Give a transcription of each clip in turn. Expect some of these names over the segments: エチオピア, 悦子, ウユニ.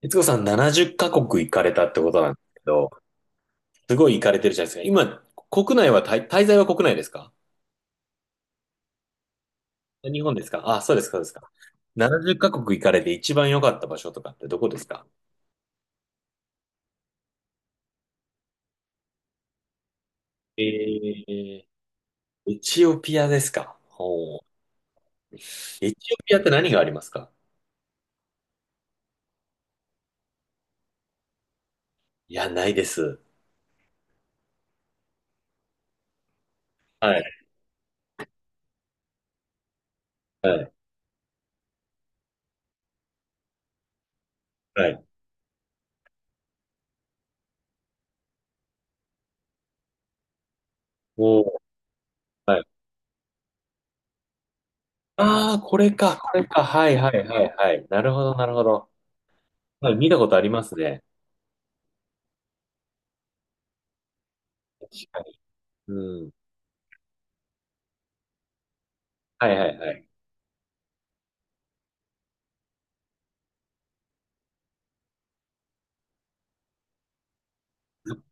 悦子さん70カ国行かれたってことなんですけど、すごい行かれてるじゃないですか。今、国内は滞、滞在は国内ですか？日本ですか？あ、そうですか、そうですか。70カ国行かれて一番良かった場所とかってどこですか？えー、エチオピアですか？ほう。エチオピアって何がありますか？いや、ないです。はい、はい、はい。おー、はい。ああ、これか、これか。はい、はい、はい、はい。なるほど、なるほど。はい、見たことありますね。はい、うん。はい、はい、はい。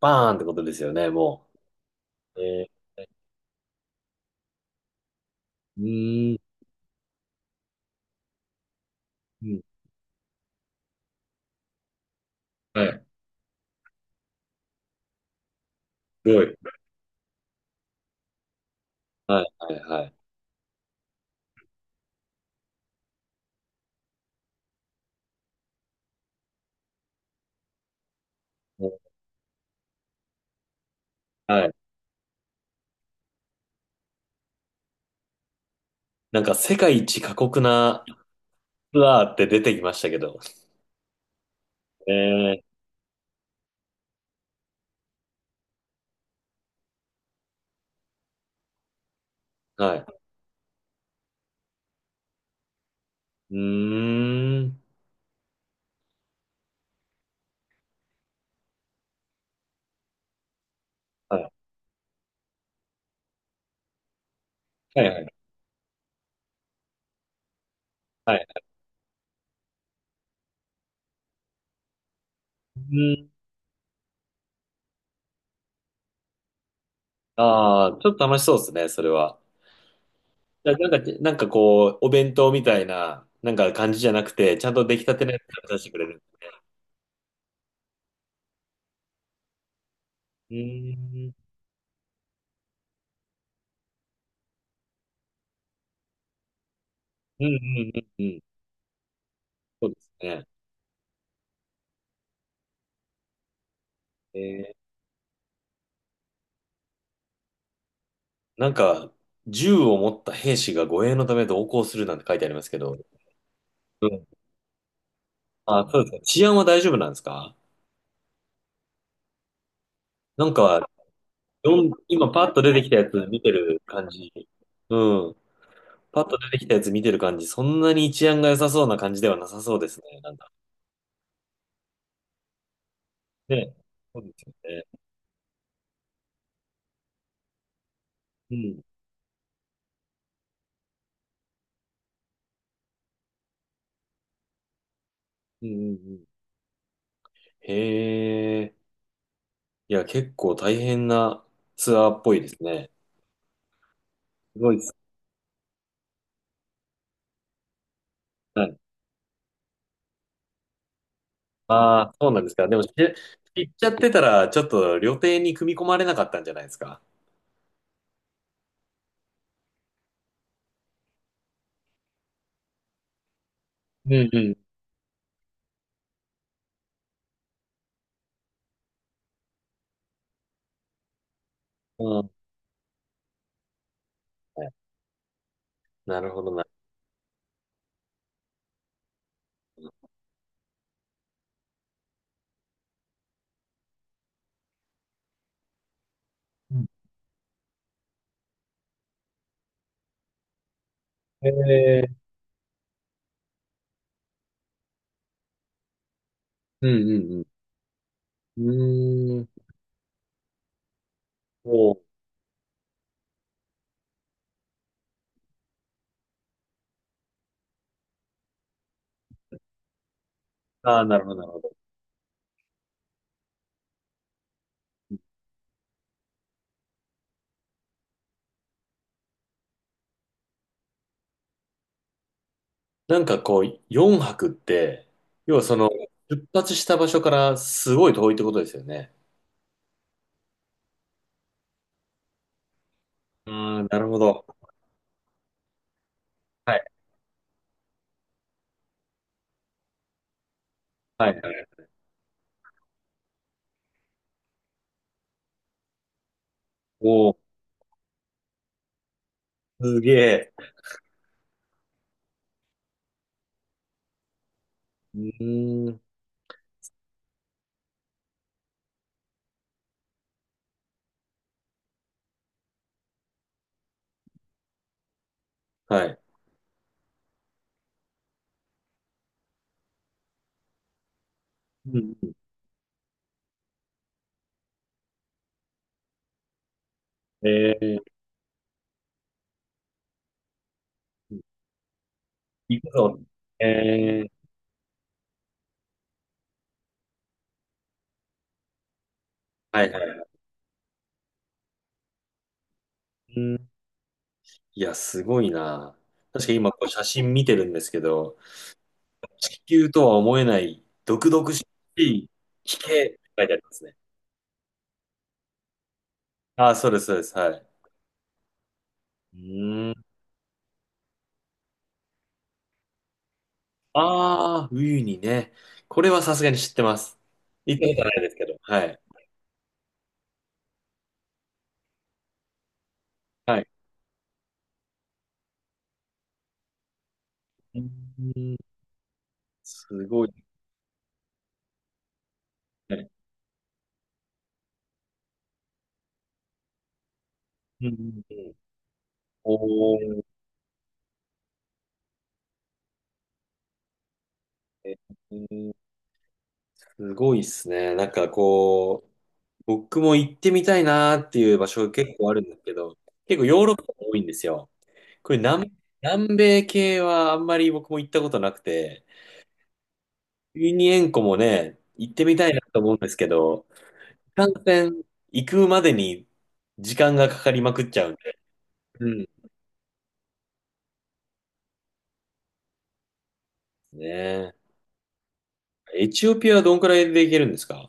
バーンってことですよね、もう。えー、うーん。うん、はい。すごい。はい、はい、はい。ね、はい。なんか、世界一過酷なツアーって出てきましたけど。えー、はい。うーん。はい、はい、はい。はい。うーん。ああ、ちょっと楽しそうですね、それは。いやなんか、なんかこう、お弁当みたいな、なんか感じじゃなくて、ちゃんと出来たてのやつを出してくれる。うーん。うん、うん、うん、うん。そうですね。えなんか、銃を持った兵士が護衛のため同行するなんて書いてありますけど、うん。あ、そうですか。治安は大丈夫なんですか？なんか、今パッと出てきたやつ見てる感じ。うん。パッと出てきたやつ見てる感じ、そんなに治安が良さそうな感じではなさそうですね。なんだ。ね。そうですよね。うん。うん、うん、うん。へえ。いや、結構大変なツアーっぽいですね。すごいです。はい。ああ、そうなんですか。でも、知っちゃってたら、ちょっと料亭に組み込まれなかったんじゃないですか。うん、うん。うん。なるほどな。うん。ええー、うん、うん、うん。うーん。おう。ああ、なるほどな。ええ、うん、うん、うん、うーん、おう、ああ、なるほど。なんかこう、4泊って、要はその、出発した場所からすごい遠いってことですよね。ああ、なるほど。はい。はい、はい。おお、すげえ。うーん。はい。うん、うん。ええ、行くぞ。ええ、はい、はい。うーん。いや、すごいな。確かに今こう写真見てるんですけど、地球とは思えない毒々しい地形って書いてありますね。ああ、そうです、そうです。はい。うーん。ああ、ウユニね。これはさすがに知ってます。行ったことはないですけど。はい。はい。うーん、すごいですね。うん、うん、うん。おー、えーすごいですね。なんかこう、僕も行ってみたいなーっていう場所結構あるんですけど、結構ヨーロッパが多いんですよ。これ南米系はあんまり僕も行ったことなくて、ユニ塩湖もね、行ってみたいなと思うんですけど、いか行くまでに時間がかかりまくっちゃうんで。うん。ねえ。エチオピアはどんくらいで行けるんですか？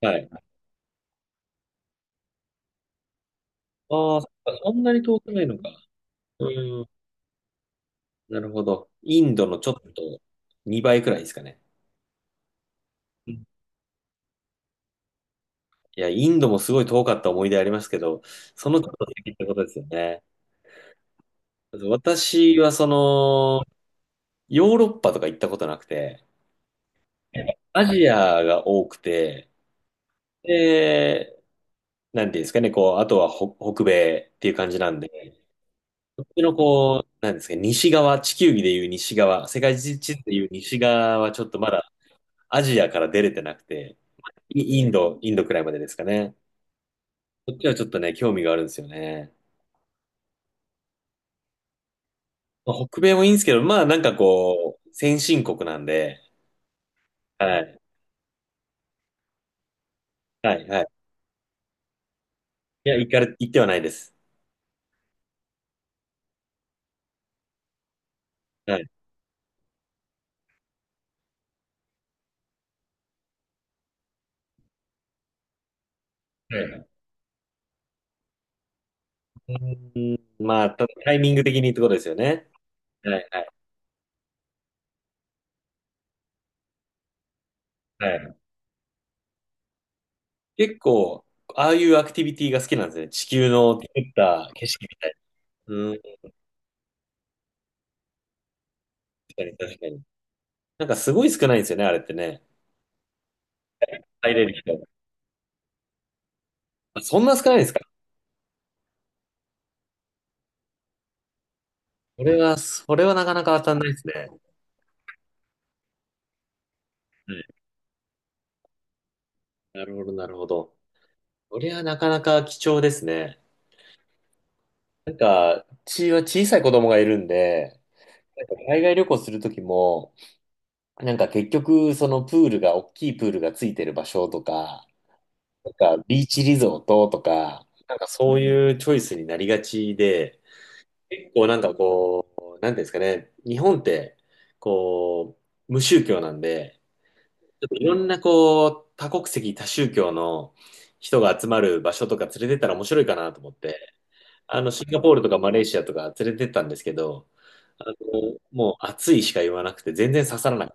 はい。ああ、そっかそんなに遠くないのか。うん。なるほど。インドのちょっと2倍くらいですかね。うん。いや、インドもすごい遠かった思い出ありますけど、そのちょっと先ってことですよね。私はそヨーロッパとか行ったことなくて、アジアが多くて、で、なんていうんですかね、こう、あとは北米っていう感じなんで、こっちのこう、なんですかね、西側、地球儀でいう西側、世界地図でいう西側はちょっとまだアジアから出れてなくて、インドくらいまでですかね。こっちはちょっとね、興味があるんですよね。まあ北米もいいんですけど、まあなんかこう、先進国なんで、はい、はい、はい。いや、行かれ、行ってはないです。はい。はい。うーん、まあ、ただタイミング的にってことですよね。はい、はい、はい。結構、ああいうアクティビティが好きなんですね。地球の作った景色みたいな。うん、確かに確かに。なんかすごい少ないんですよね、あれってね。入れる人。あ、そんな少ないんですか？それは、それはなかなか当たんないですね。はい、なるほど、なるほど。それはなかなか貴重ですね。なんか、うちは小さい子供がいるんで、なんか海外旅行するときも、なんか結局、そのプールが、大きいプールがついてる場所とか、なんか、ビーチリゾートとか、なんかそういうチョイスになりがちで、結構なんかこう、なんていうんですかね、日本って、こう、無宗教なんで、ちょっといろんなこう、多国籍、多宗教の人が集まる場所とか連れてったら面白いかなと思って、あの、シンガポールとかマレーシアとか連れてったんですけど、あの、もう暑いしか言わなくて全然刺さらない。